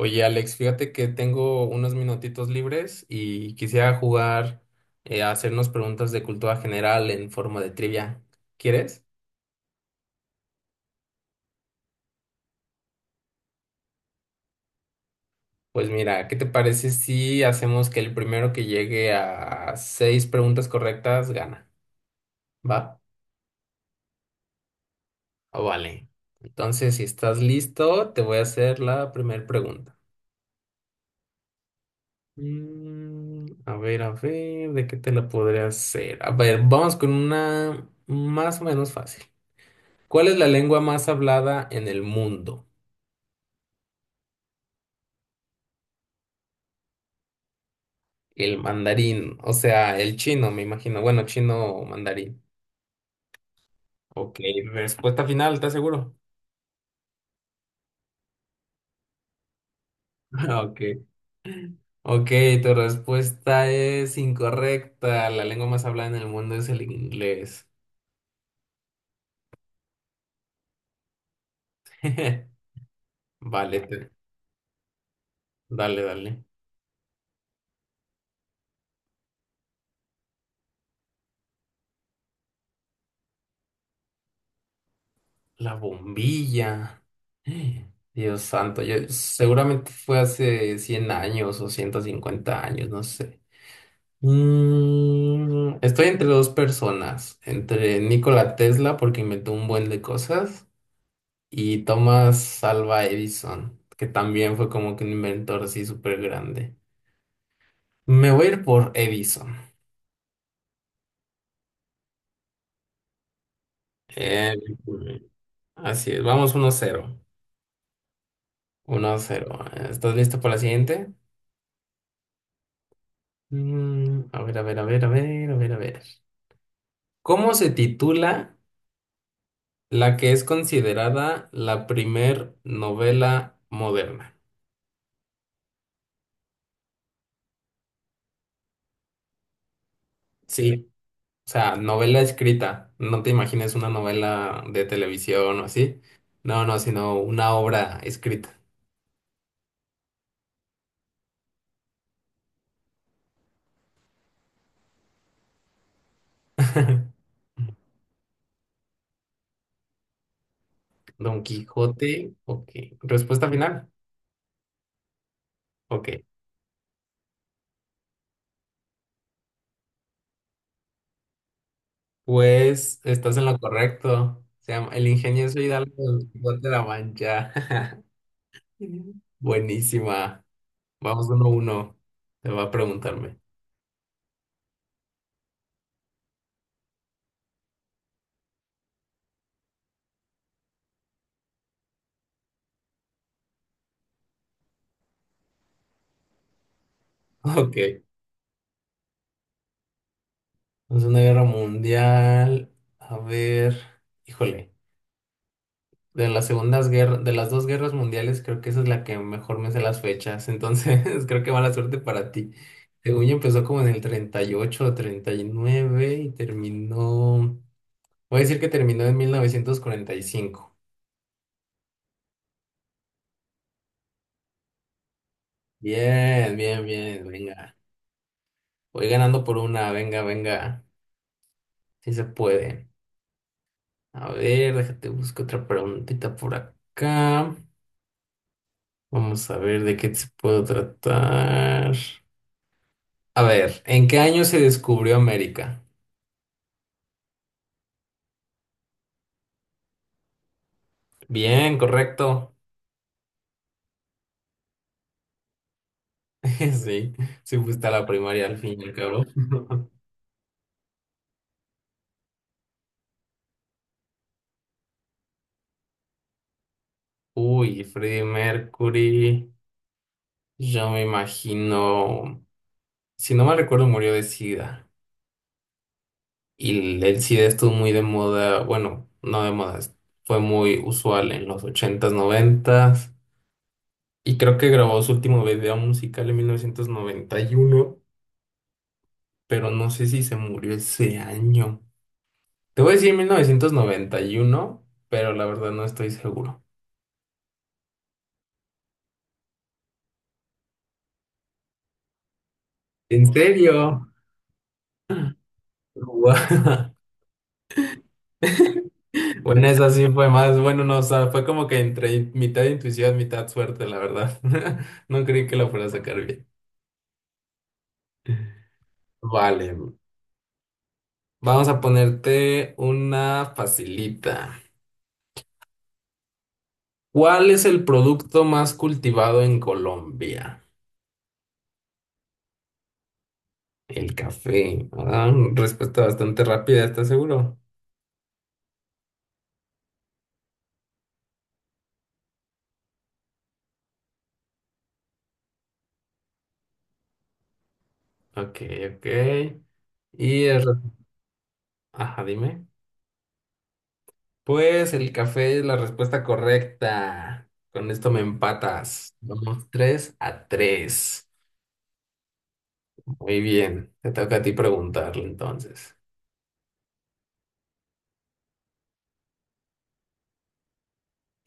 Oye, Alex, fíjate que tengo unos minutitos libres y quisiera jugar a hacernos preguntas de cultura general en forma de trivia. ¿Quieres? Pues mira, ¿qué te parece si hacemos que el primero que llegue a seis preguntas correctas gana? ¿Va? Oh, vale. Entonces, si estás listo, te voy a hacer la primera pregunta. A ver, ¿de qué te la podré hacer? A ver, vamos con una más o menos fácil. ¿Cuál es la lengua más hablada en el mundo? El mandarín, o sea, el chino, me imagino. Bueno, chino o mandarín. Ok, respuesta final, ¿estás seguro? Ok. Ok, tu respuesta es incorrecta. La lengua más hablada en el mundo es el inglés. Vale, dale, dale. La bombilla. Dios santo, yo seguramente fue hace 100 años o 150 años, no sé. Estoy entre dos personas, entre Nikola Tesla porque inventó un buen de cosas y Thomas Alva Edison, que también fue como que un inventor así súper grande. Me voy a ir por Edison. Eh, así es, vamos uno cero, uno cero. ¿Estás listo para la siguiente? A ver, a ver, a ver, a ver, a ver, a ver. ¿Cómo se titula la que es considerada la primer novela moderna? Sí. O sea, novela escrita. No te imagines una novela de televisión o así. No, no, sino una obra escrita. Don Quijote, ok. Respuesta final, ok. Pues estás en lo correcto. Se llama El ingenioso Hidalgo del Quijote de la Mancha. Buenísima. Vamos uno a uno. Te va a preguntarme. Ok. Vamos una guerra mundial. A ver. Híjole. De las segundas guerras, de las dos guerras mundiales, creo que esa es la que mejor me sé las fechas. Entonces, creo que mala suerte para ti. Según yo empezó como en el 38 o treinta y nueve y terminó. Voy a decir que terminó en mil novecientos cuarenta y cinco. Bien, bien, bien, venga. Voy ganando por una, venga, venga. Si se puede. A ver, déjate busco otra preguntita por acá. Vamos a ver de qué se puedo tratar. A ver, ¿en qué año se descubrió América? Bien, correcto. Sí, sí fuiste a la primaria al fin y al cabo. Uy, Freddie Mercury, yo me imagino, si no mal recuerdo, murió de SIDA. Y el SIDA estuvo muy de moda, bueno, no de moda, fue muy usual en los ochentas noventas. Y creo que grabó su último video musical en 1991, pero no sé si se murió ese año. Te voy a decir 1991, pero la verdad no estoy seguro. ¿En serio? Guau. Bueno, esa sí fue más, bueno, no, o sea, fue como que entre mitad intuición, mitad suerte, la verdad. No creí que la fuera a sacar bien. Vale, vamos a ponerte una facilita. ¿Cuál es el producto más cultivado en Colombia? El café. Ah, respuesta bastante rápida, ¿estás seguro? Ok, ok. Y el... Ajá, dime. Pues el café es la respuesta correcta. Con esto me empatas. Vamos tres a tres. Muy bien. Te toca a ti preguntarle entonces.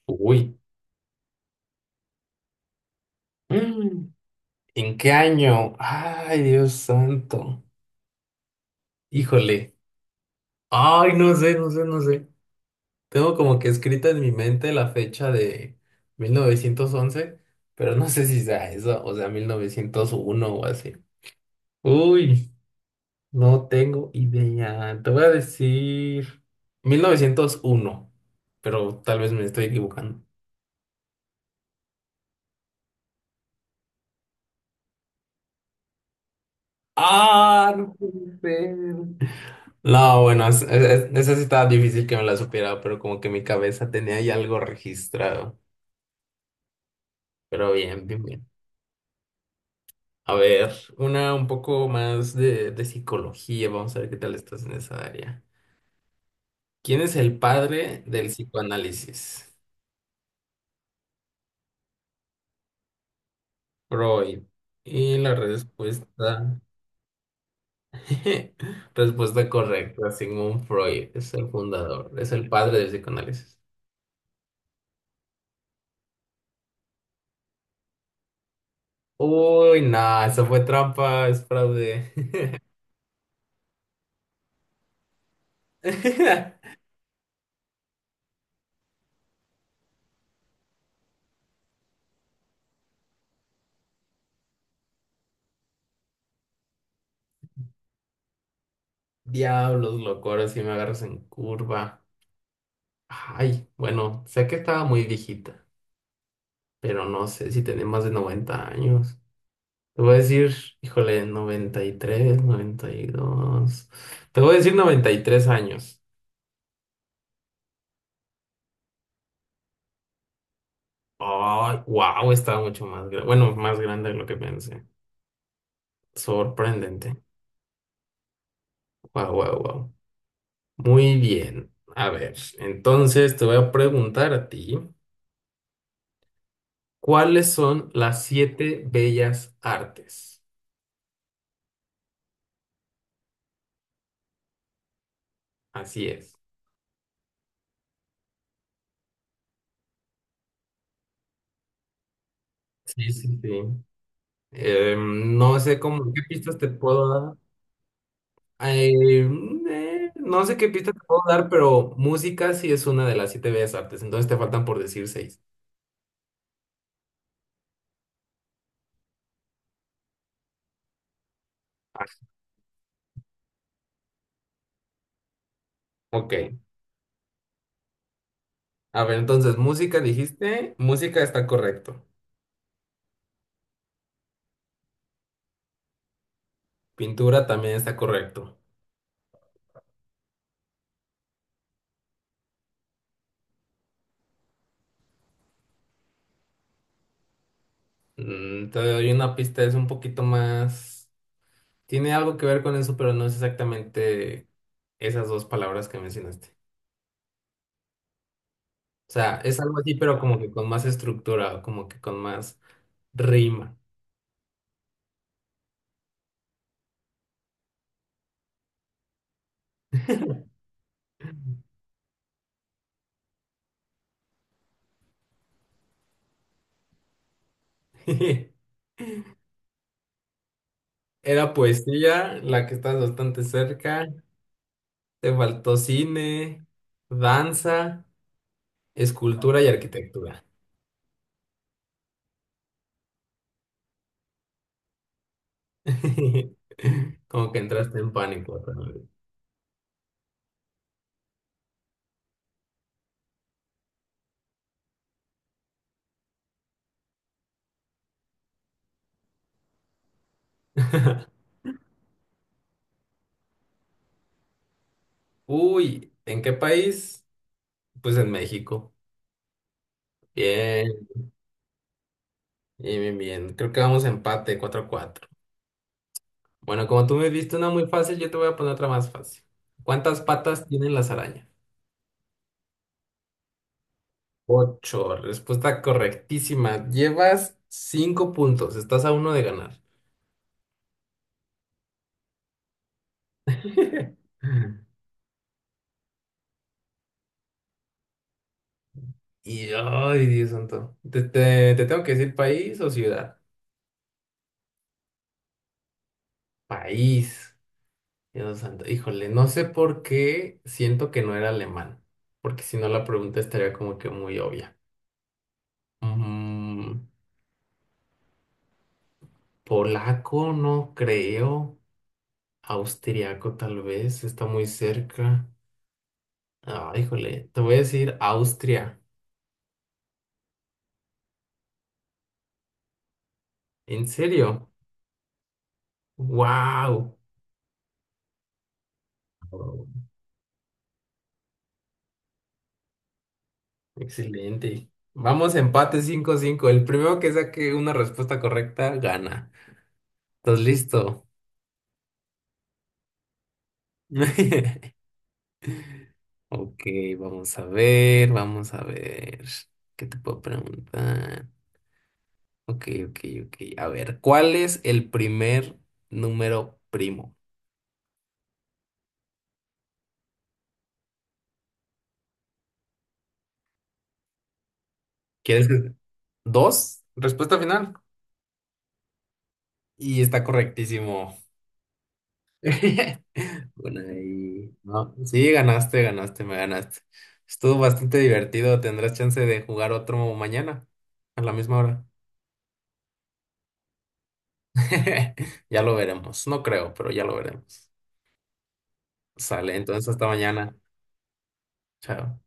Uy. Mm, ¿En qué año? Ay, Dios santo. Híjole. Ay, no sé, no sé, no sé. Tengo como que escrita en mi mente la fecha de 1911, pero no sé si sea eso, o sea, 1901 o así. Uy. No tengo idea. Te voy a decir 1901, pero tal vez me estoy equivocando. ¡Ah! No puede ser. No, bueno, esa sí estaba difícil que me la supiera, pero como que mi cabeza tenía ya algo registrado. Pero bien, bien, bien. A ver, una un poco más de psicología. Vamos a ver qué tal estás en esa área. ¿Quién es el padre del psicoanálisis? Freud. Y la respuesta respuesta correcta, Sigmund Freud es el fundador, es el padre del psicoanálisis. Uy, nah, eso fue trampa, es fraude. Diablos, loco, ahora sí me agarras en curva. Ay, bueno, sé que estaba muy viejita, pero no sé si tenía más de 90 años. Te voy a decir, híjole, noventa noventa y tres noventa y dos. Te voy a decir 93 años. Ay, wow, estaba mucho más grande. Bueno, más grande de lo que pensé. Sorprendente. Wow, wow, wow. Muy bien. A ver, entonces te voy a preguntar a ti, ¿cuáles son las siete bellas artes? Así es. Sí, sí, sí. No sé cómo, qué pistas te puedo dar. Eh, no sé qué pistas te puedo dar, pero música sí es una de las siete bellas artes, entonces te faltan por decir seis. Ah, ok. A ver, entonces, música dijiste, música está correcto. Pintura también está correcto. Te doy una pista, es un poquito más... Tiene algo que ver con eso, pero no es exactamente esas dos palabras que mencionaste. O sea, es algo así, pero como que con más estructura, como que con más rima. Era poesía, la que estás bastante cerca. Te faltó cine, danza, escultura y arquitectura. Como que entraste en pánico. Realmente. Uy, ¿en qué país? Pues en México. Bien. Bien, bien, bien. Creo que vamos a empate cuatro a cuatro. Bueno, como tú me viste una muy fácil, yo te voy a poner otra más fácil. ¿Cuántas patas tienen las arañas? Ocho. Respuesta correctísima. Llevas cinco puntos. Estás a uno de ganar. Y, ay, Dios santo. ¿Te, te tengo que decir país o ciudad? País. Dios santo. Híjole, no sé por qué siento que no era alemán. Porque si no, la pregunta estaría como que muy obvia. Polaco, no creo. Austriaco, tal vez. Está muy cerca. Ah, híjole. Te voy a decir Austria. ¿En serio? ¡Wow! Excelente. Vamos, empate 5 cinco. El primero que saque una respuesta correcta gana. ¿Estás listo? Ok, vamos a ver, vamos a ver. ¿Qué te puedo preguntar? Ok, ok, ok. A ver, ¿cuál es el primer número primo? ¿Quieres? Que dos, respuesta final. Y está correctísimo. Bueno, ahí. No, sí, ganaste, ganaste, me ganaste. Estuvo bastante divertido. Tendrás chance de jugar otro mañana a la misma hora. Ya lo veremos. No creo, pero ya lo veremos. Sale, entonces hasta mañana. Chao.